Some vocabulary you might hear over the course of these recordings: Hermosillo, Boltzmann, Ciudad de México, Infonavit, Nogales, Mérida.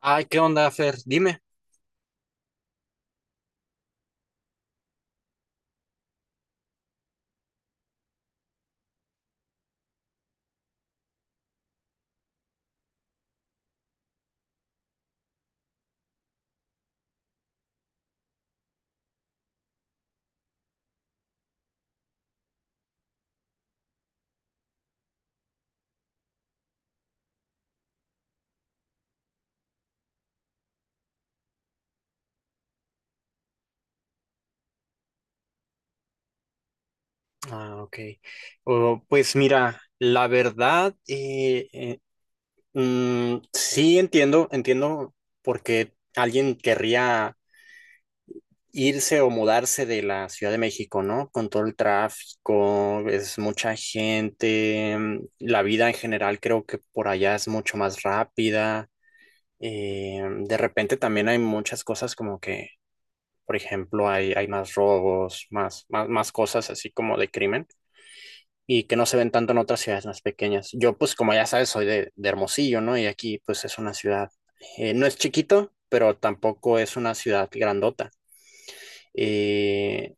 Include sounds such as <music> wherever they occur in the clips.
Ay, ¿qué onda, Fer? Dime. Ah, ok. Oh, pues mira, la verdad, sí entiendo por qué alguien querría irse o mudarse de la Ciudad de México, ¿no? Con todo el tráfico, es mucha gente, la vida en general creo que por allá es mucho más rápida. Eh, de repente también hay muchas cosas como que, por ejemplo, hay más robos, más cosas así como de crimen. Y que no se ven tanto en otras ciudades más pequeñas. Yo, pues, como ya sabes, soy de Hermosillo, ¿no? Y aquí, pues, es una ciudad, no es chiquito, pero tampoco es una ciudad grandota. Eh,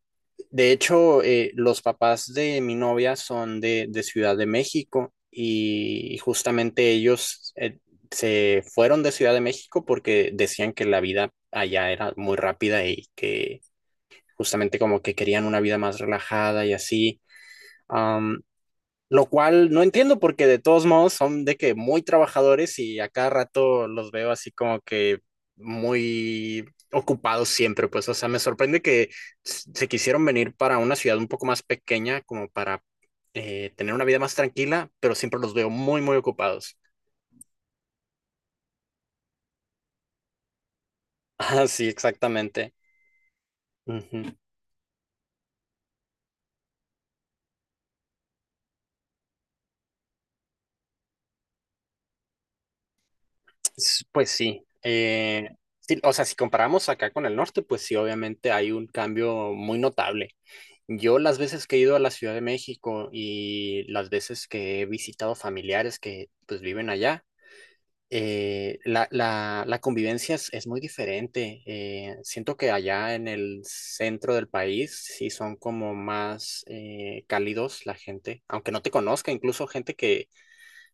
de hecho, los papás de mi novia son de Ciudad de México y justamente ellos se fueron de Ciudad de México porque decían que la vida allá era muy rápida y que justamente como que querían una vida más relajada y así. Um, lo cual no entiendo porque de todos modos son de que muy trabajadores y a cada rato los veo así como que muy ocupados siempre, pues, o sea, me sorprende que se quisieron venir para una ciudad un poco más pequeña, como para tener una vida más tranquila, pero siempre los veo muy, muy ocupados. <laughs> Ah, sí, exactamente. Ujú. Pues sí, sí, o sea, si comparamos acá con el norte, pues sí, obviamente hay un cambio muy notable. Yo las veces que he ido a la Ciudad de México y las veces que he visitado familiares que pues viven allá, la convivencia es muy diferente. Siento que allá en el centro del país sí son como más cálidos la gente, aunque no te conozca, incluso gente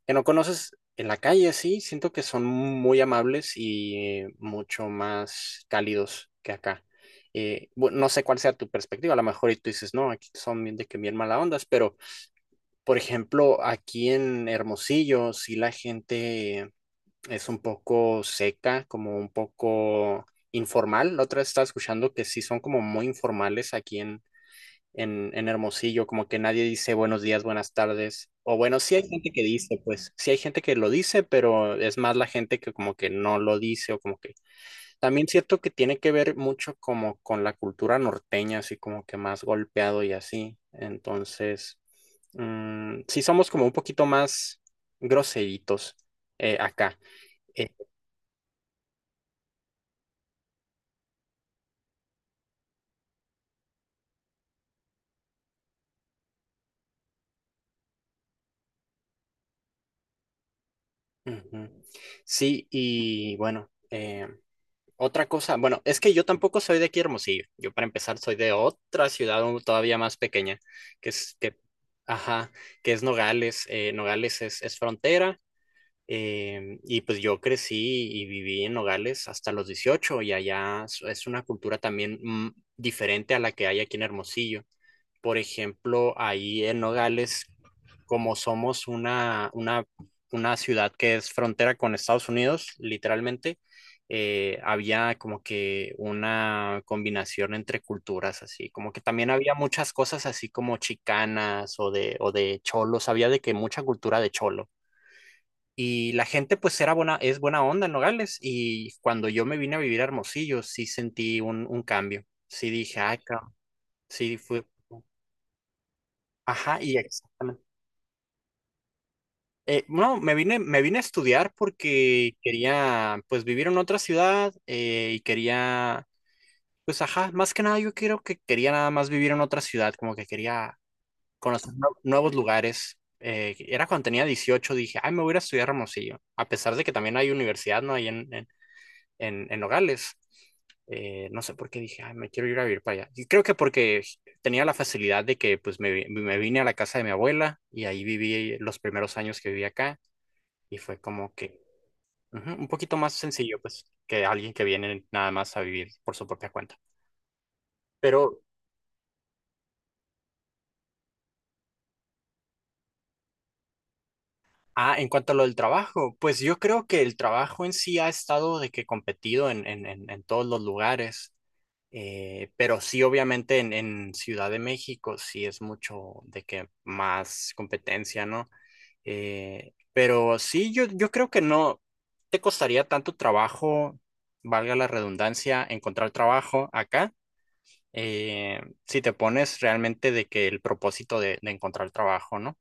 que no conoces en la calle, sí, siento que son muy amables y mucho más cálidos que acá. Bueno, no sé cuál sea tu perspectiva, a lo mejor y tú dices, no, aquí son bien de que bien mala ondas, pero por ejemplo, aquí en Hermosillo, sí la gente es un poco seca, como un poco informal. La otra vez estaba escuchando que sí son como muy informales aquí en Hermosillo, como que nadie dice buenos días, buenas tardes, o bueno, sí hay gente que dice, pues sí hay gente que lo dice, pero es más la gente que como que no lo dice o como que también cierto que tiene que ver mucho como con la cultura norteña, así como que más golpeado y así, entonces, sí somos como un poquito más groseritos acá. Eh, Ujú. Sí, y bueno, otra cosa, bueno, es que yo tampoco soy de aquí Hermosillo. Yo para empezar soy de otra ciudad todavía más pequeña, que es que, ajá, que es Nogales. Nogales es frontera. Y pues yo crecí y viví en Nogales hasta los 18 y allá es una cultura también diferente a la que hay aquí en Hermosillo. Por ejemplo, ahí en Nogales, como somos una ciudad que es frontera con Estados Unidos, literalmente, había como que una combinación entre culturas, así, como que también había muchas cosas así como chicanas o de cholos, había de que mucha cultura de cholo. Y la gente pues era buena, es buena onda en Nogales y cuando yo me vine a vivir a Hermosillo sí sentí un cambio, sí dije, ay, cabrón", sí fue, ajá, y exactamente. No, me vine a estudiar porque quería, pues, vivir en otra ciudad y quería, pues, ajá, más que nada yo creo que quería nada más vivir en otra ciudad, como que quería conocer nuevos lugares. Era cuando tenía 18 dije, ay, me voy a ir a estudiar a Hermosillo, a pesar de que también hay universidad, ¿no? Ahí en Nogales. No sé por qué dije, ay, me quiero ir a vivir para allá. Y creo que porque tenía la facilidad de que, pues, me vine a la casa de mi abuela y ahí viví los primeros años que viví acá. Y fue como que ujú, un poquito más sencillo, pues, que alguien que viene nada más a vivir por su propia cuenta. Pero, en cuanto a lo del trabajo, pues yo creo que el trabajo en sí ha estado de que competido en todos los lugares. Pero sí, obviamente en Ciudad de México sí es mucho de que más competencia, ¿no? Pero sí, yo creo que no te costaría tanto trabajo, valga la redundancia, encontrar trabajo acá eh, si te pones realmente de que el propósito de encontrar trabajo, ¿no?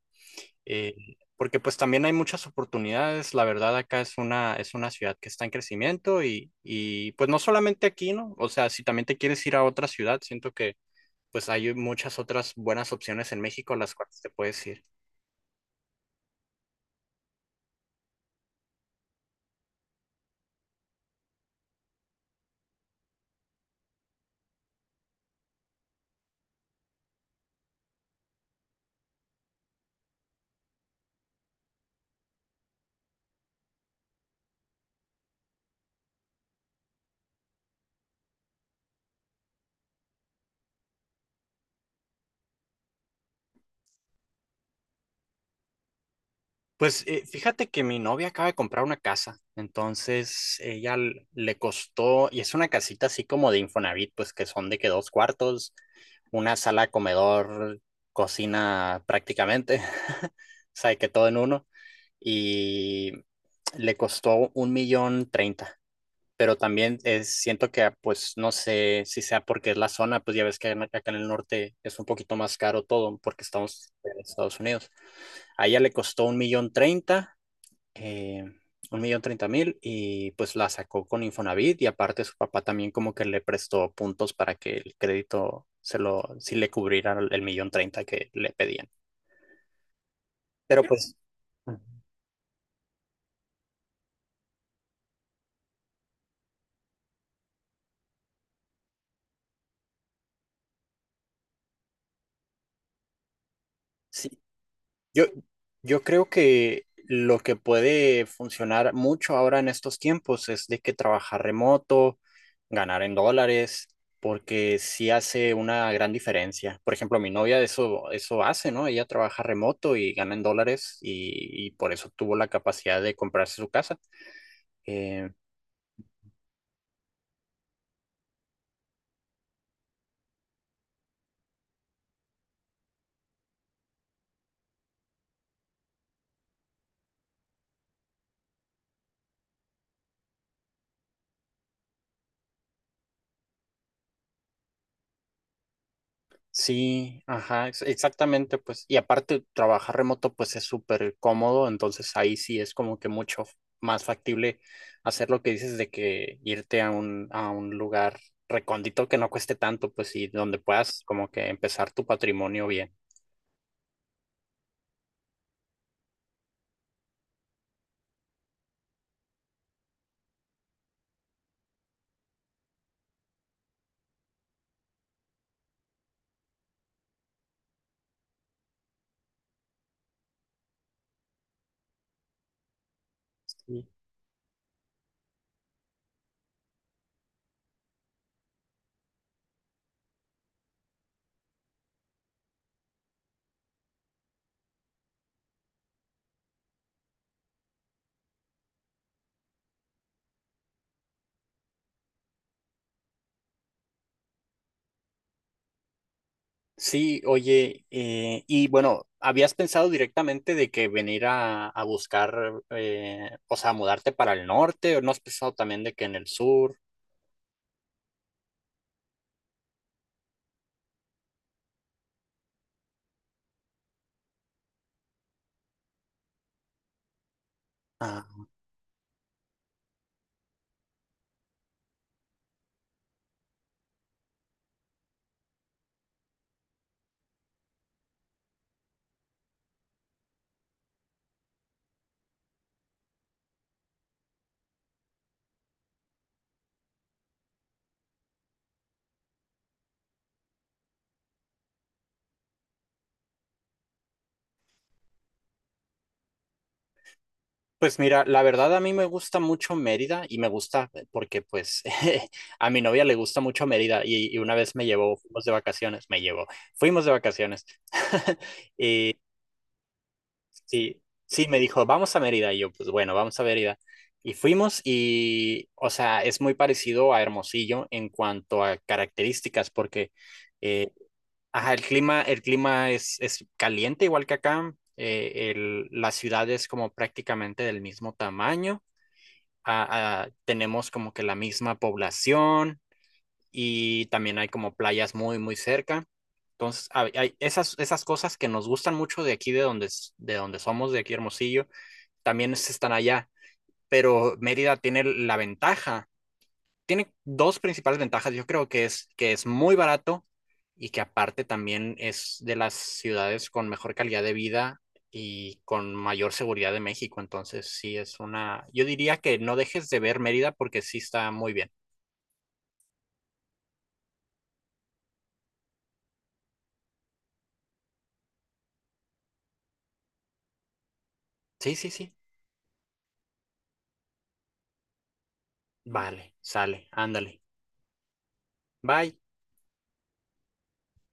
Eh, Porque pues también hay muchas oportunidades, la verdad acá es una ciudad que está en crecimiento y pues no solamente aquí, ¿no? O sea, si también te quieres ir a otra ciudad, siento que pues hay muchas otras buenas opciones en México a las cuales te puedes ir. Pues fíjate que mi novia acaba de comprar una casa, entonces ella le costó, y es una casita así como de Infonavit, pues que son de que dos cuartos, una sala, comedor, cocina prácticamente, <laughs> o sea, de que todo en uno, y le costó un millón treinta, pero también es, siento que pues no sé si sea porque es la zona, pues ya ves que acá en el norte es un poquito más caro todo porque estamos en Estados Unidos. A ella le costó un millón treinta eh, 1,030,000 y pues la sacó con Infonavit y aparte su papá también como que le prestó puntos para que el crédito se lo, sí le cubriera el millón treinta que le pedían. Pero pues sí. Yo, yo creo que lo que puede funcionar mucho ahora en estos tiempos es de que trabajar remoto, ganar en dólares, porque sí hace una gran diferencia. Por ejemplo, mi novia eso hace, ¿no? Ella trabaja remoto y gana en dólares y por eso tuvo la capacidad de comprarse su casa. Eh, Sí, ajá, exactamente, pues, y aparte trabajar remoto pues es súper cómodo, entonces ahí sí es como que mucho más factible hacer lo que dices de que irte a un lugar recóndito que no cueste tanto, pues, y donde puedas como que empezar tu patrimonio bien. Sí, sí, oye, y bueno, ¿habías pensado directamente de que venir a buscar, o sea, mudarte para el norte, o no has pensado también de que en el sur? Pues mira, la verdad a mí me gusta mucho Mérida y me gusta porque pues <laughs> a mi novia le gusta mucho Mérida y una vez me llevó, fuimos de vacaciones, me llevó, fuimos de vacaciones. <laughs> Y sí, sí, me dijo, vamos a Mérida y yo pues bueno, vamos a Mérida. Y fuimos y, o sea, es muy parecido a Hermosillo en cuanto a características porque eh, ajá, el clima es caliente igual que acá. La ciudad es como prácticamente del mismo tamaño tenemos como que la misma población y también hay como playas muy, muy cerca. Entonces, hay esas cosas que nos gustan mucho de aquí, de donde somos, de aquí Hermosillo, también están allá. Pero Mérida tiene dos principales ventajas. Yo creo que es muy barato y que aparte también es de las ciudades con mejor calidad de vida y con mayor seguridad de México. Entonces, sí es una, yo diría que no dejes de ver Mérida porque sí está muy bien. Sí, sí, sí. Vale, sale, ándale. Bye.